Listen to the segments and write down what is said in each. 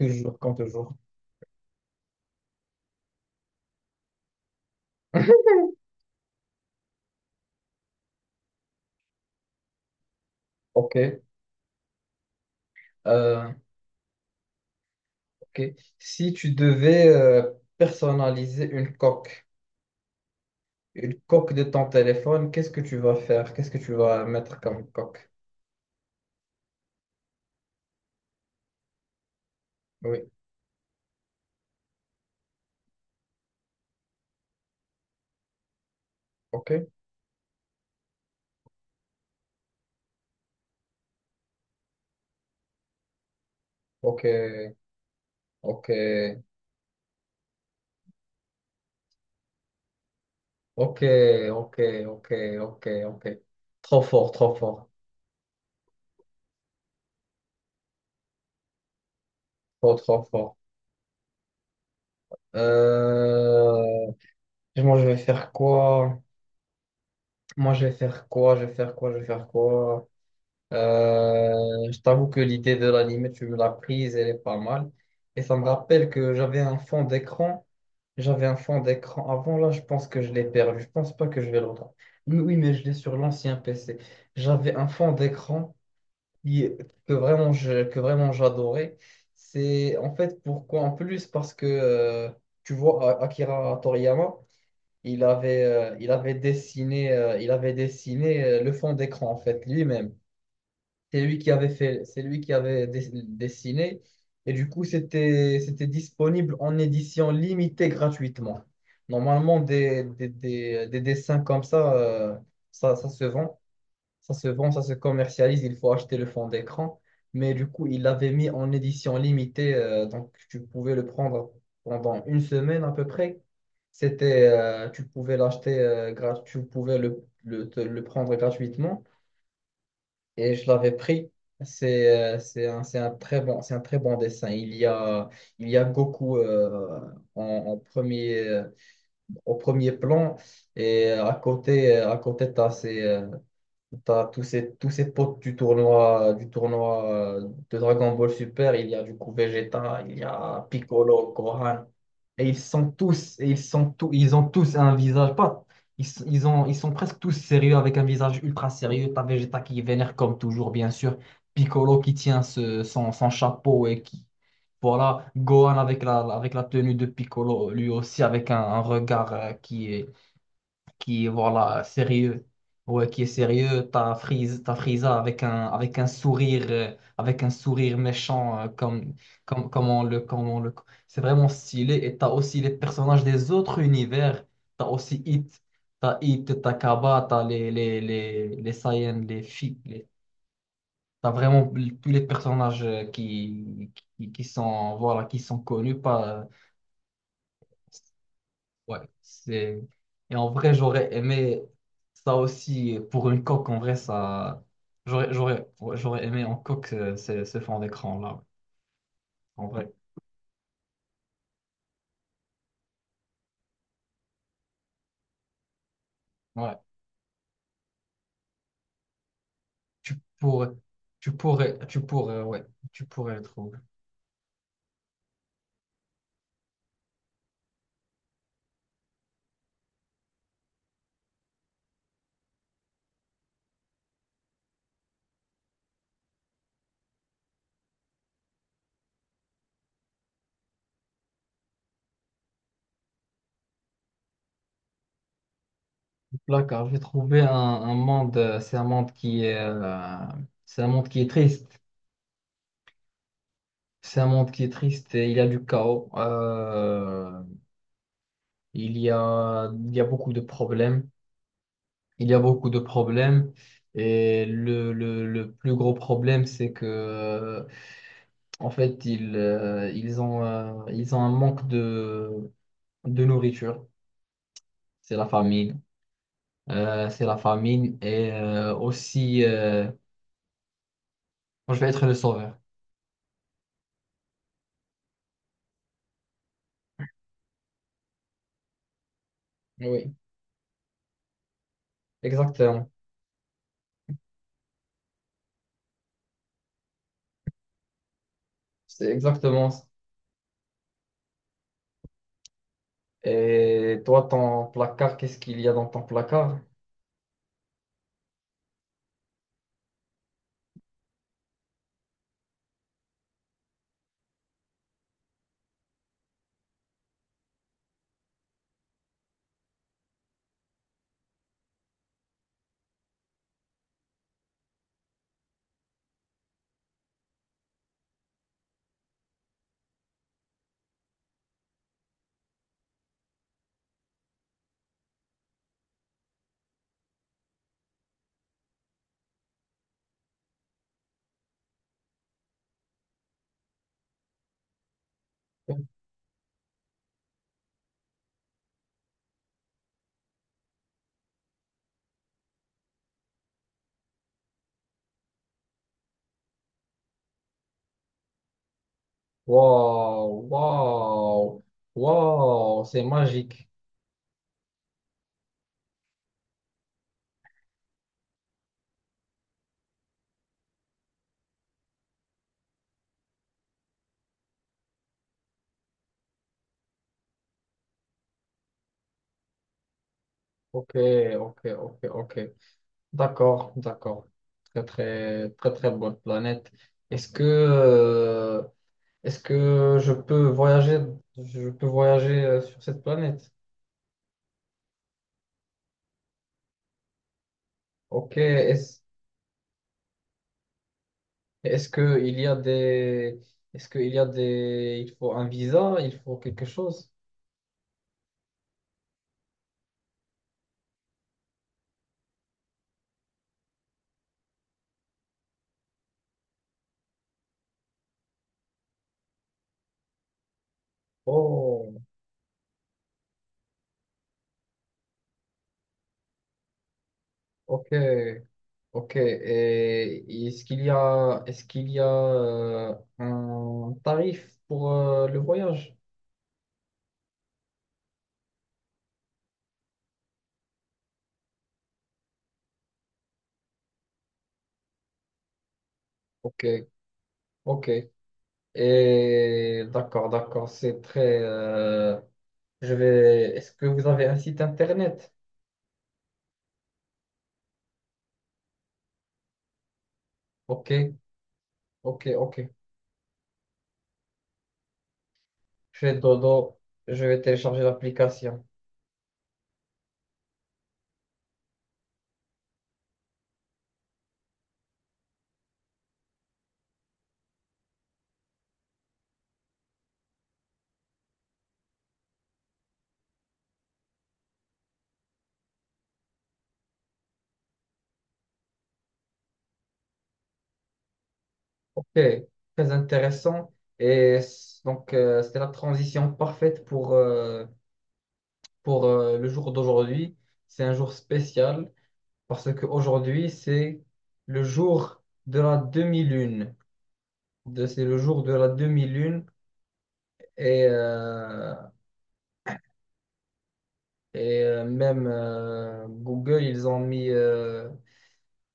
Toujours, quand toujours. Ok. euh, ok. Si tu devais personnaliser une coque de ton téléphone, qu'est-ce que tu vas faire? Qu'est-ce que tu vas mettre comme coque? Oui. Ok. Ok. Ok. Ok. Ok. Ok. Ok. Ok. Trop fort, trop fort. Trop fort. Euh, Moi, je vais faire quoi? Moi, je vais faire quoi? Je vais faire quoi? Je vais faire quoi? Je t'avoue que l'idée de l'anime, tu me l'as prise, elle est pas mal. Et ça me rappelle que j'avais un fond d'écran. J'avais un fond d'écran avant, là, je pense que je l'ai perdu. Je pense pas que je vais le retrouver. Mais oui, mais je l'ai sur l'ancien PC. J'avais un fond d'écran qui- que vraiment j'adorais. C'est en fait pourquoi en plus parce que tu vois Akira Toriyama, il avait dessiné le fond d'écran en fait lui-même. C'est lui qui avait fait, c'est lui qui avait dessiné. Et du coup, c'était disponible en édition limitée gratuitement. Normalement, des dessins comme ça, ça se vend, ça se vend, ça se commercialise. Il faut acheter le fond d'écran. Mais du coup, il l'avait mis en édition limitée. Donc, tu pouvais le prendre pendant une semaine à peu près. C'était, tu pouvais l'acheter, tu pouvais le prendre gratuitement et je l'avais pris. C'est c'est un très bon, c'est un très bon dessin. Il y a Goku en premier, au premier plan et à côté, t'as tous tous ces potes du tournoi de Dragon Ball Super. Il y a du coup Vegeta, il y a Piccolo, Gohan, et ils sont tous, et ils sont tous, ils ont tous un visage, pas, ils, s- ils ont, ils sont presque tous sérieux avec un visage ultra sérieux. T'as Vegeta qui vénère comme toujours, bien sûr, Piccolo qui tient son, son chapeau et qui, voilà, Gohan avec la tenue de Piccolo, lui aussi avec un regard qui est voilà, sérieux. Ouais, qui est sérieux, t'as Frieza avec un sourire méchant, comme, comme, comme on le... C'est vraiment stylé. Et t'as aussi les personnages des autres univers. T'as aussi Hit, t'as Kaba, t'as les Saiyans, les filles. Les... T'as vraiment tous les personnages qui sont, voilà, qui sont connus pas. Ouais, c'est... Et en vrai, j'aurais aimé ça aussi pour une coque. En vrai, ça... j'aurais, ouais, j'aurais aimé en coque ce fond d'écran-là. Ouais. En vrai, ouais. Tu pourrais, tu pourrais, ouais. Tu pourrais le trouver. Là, car j'ai trouvé un monde, c'est un monde qui est, c'est un monde qui est triste. C'est un monde qui est triste et il y a du chaos. Il y a beaucoup de problèmes. Il y a beaucoup de problèmes et le plus gros problème, c'est que en fait, ils ont un manque de nourriture. C'est la famine. C'est la famine et aussi, moi, je vais être le sauveur. Oui, exactement. C'est exactement. Et toi, ton placard, qu'est-ce qu'il y a dans ton placard? Waouh, waouh, waouh, c'est magique. Ok, ok, ok, ok. D'accord, d'accord. Très, très, très, très bonne planète. Est-ce que, est-ce que je peux voyager sur cette planète? Ok. Est-ce que il y a est-ce que il y a des, il faut un visa, il faut quelque chose? Oh, ok, ok. Et est-ce qu'il y a un tarif pour le voyage? Ok, ok. Et d'accord, d'accord. C'est très. Je vais. Est-ce que vous avez un site internet? Ok. Ok, ok. Je fais dodo, je vais télécharger l'application. Ok, très intéressant. Donc, c'est la transition parfaite pour le jour d'aujourd'hui. C'est un jour spécial parce qu'aujourd'hui, c'est le jour de la demi-lune. C'est le jour de la demi-lune. Et, euh, et même Google, ils ont mis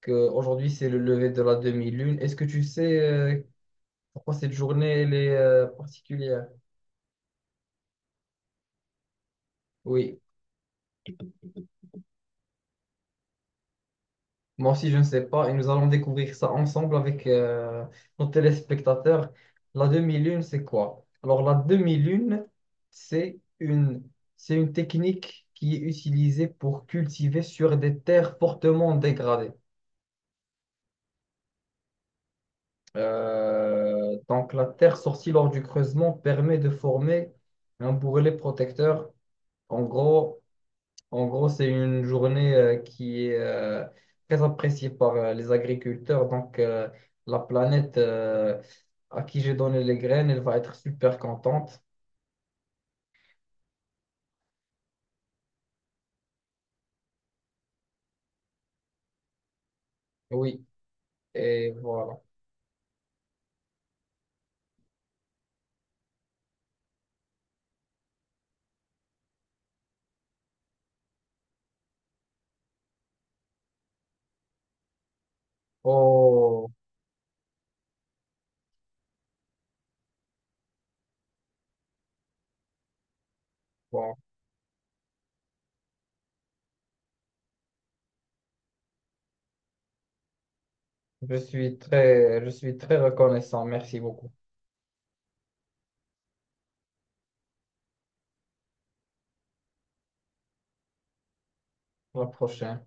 que aujourd'hui c'est le lever de la demi-lune. Est-ce que tu sais pourquoi cette journée elle est particulière? Oui, moi aussi je ne sais pas et nous allons découvrir ça ensemble avec nos téléspectateurs. La demi-lune, c'est quoi? Alors la demi-lune, c'est c'est une technique qui est utilisée pour cultiver sur des terres fortement dégradées. Donc, la terre sortie lors du creusement permet de former un bourrelet protecteur. En gros, en gros, c'est une journée qui est très appréciée par les agriculteurs. Donc, la planète à qui j'ai donné les graines, elle va être super contente. Oui, et voilà. Oh, bon, je suis très reconnaissant. Merci beaucoup. À la prochaine.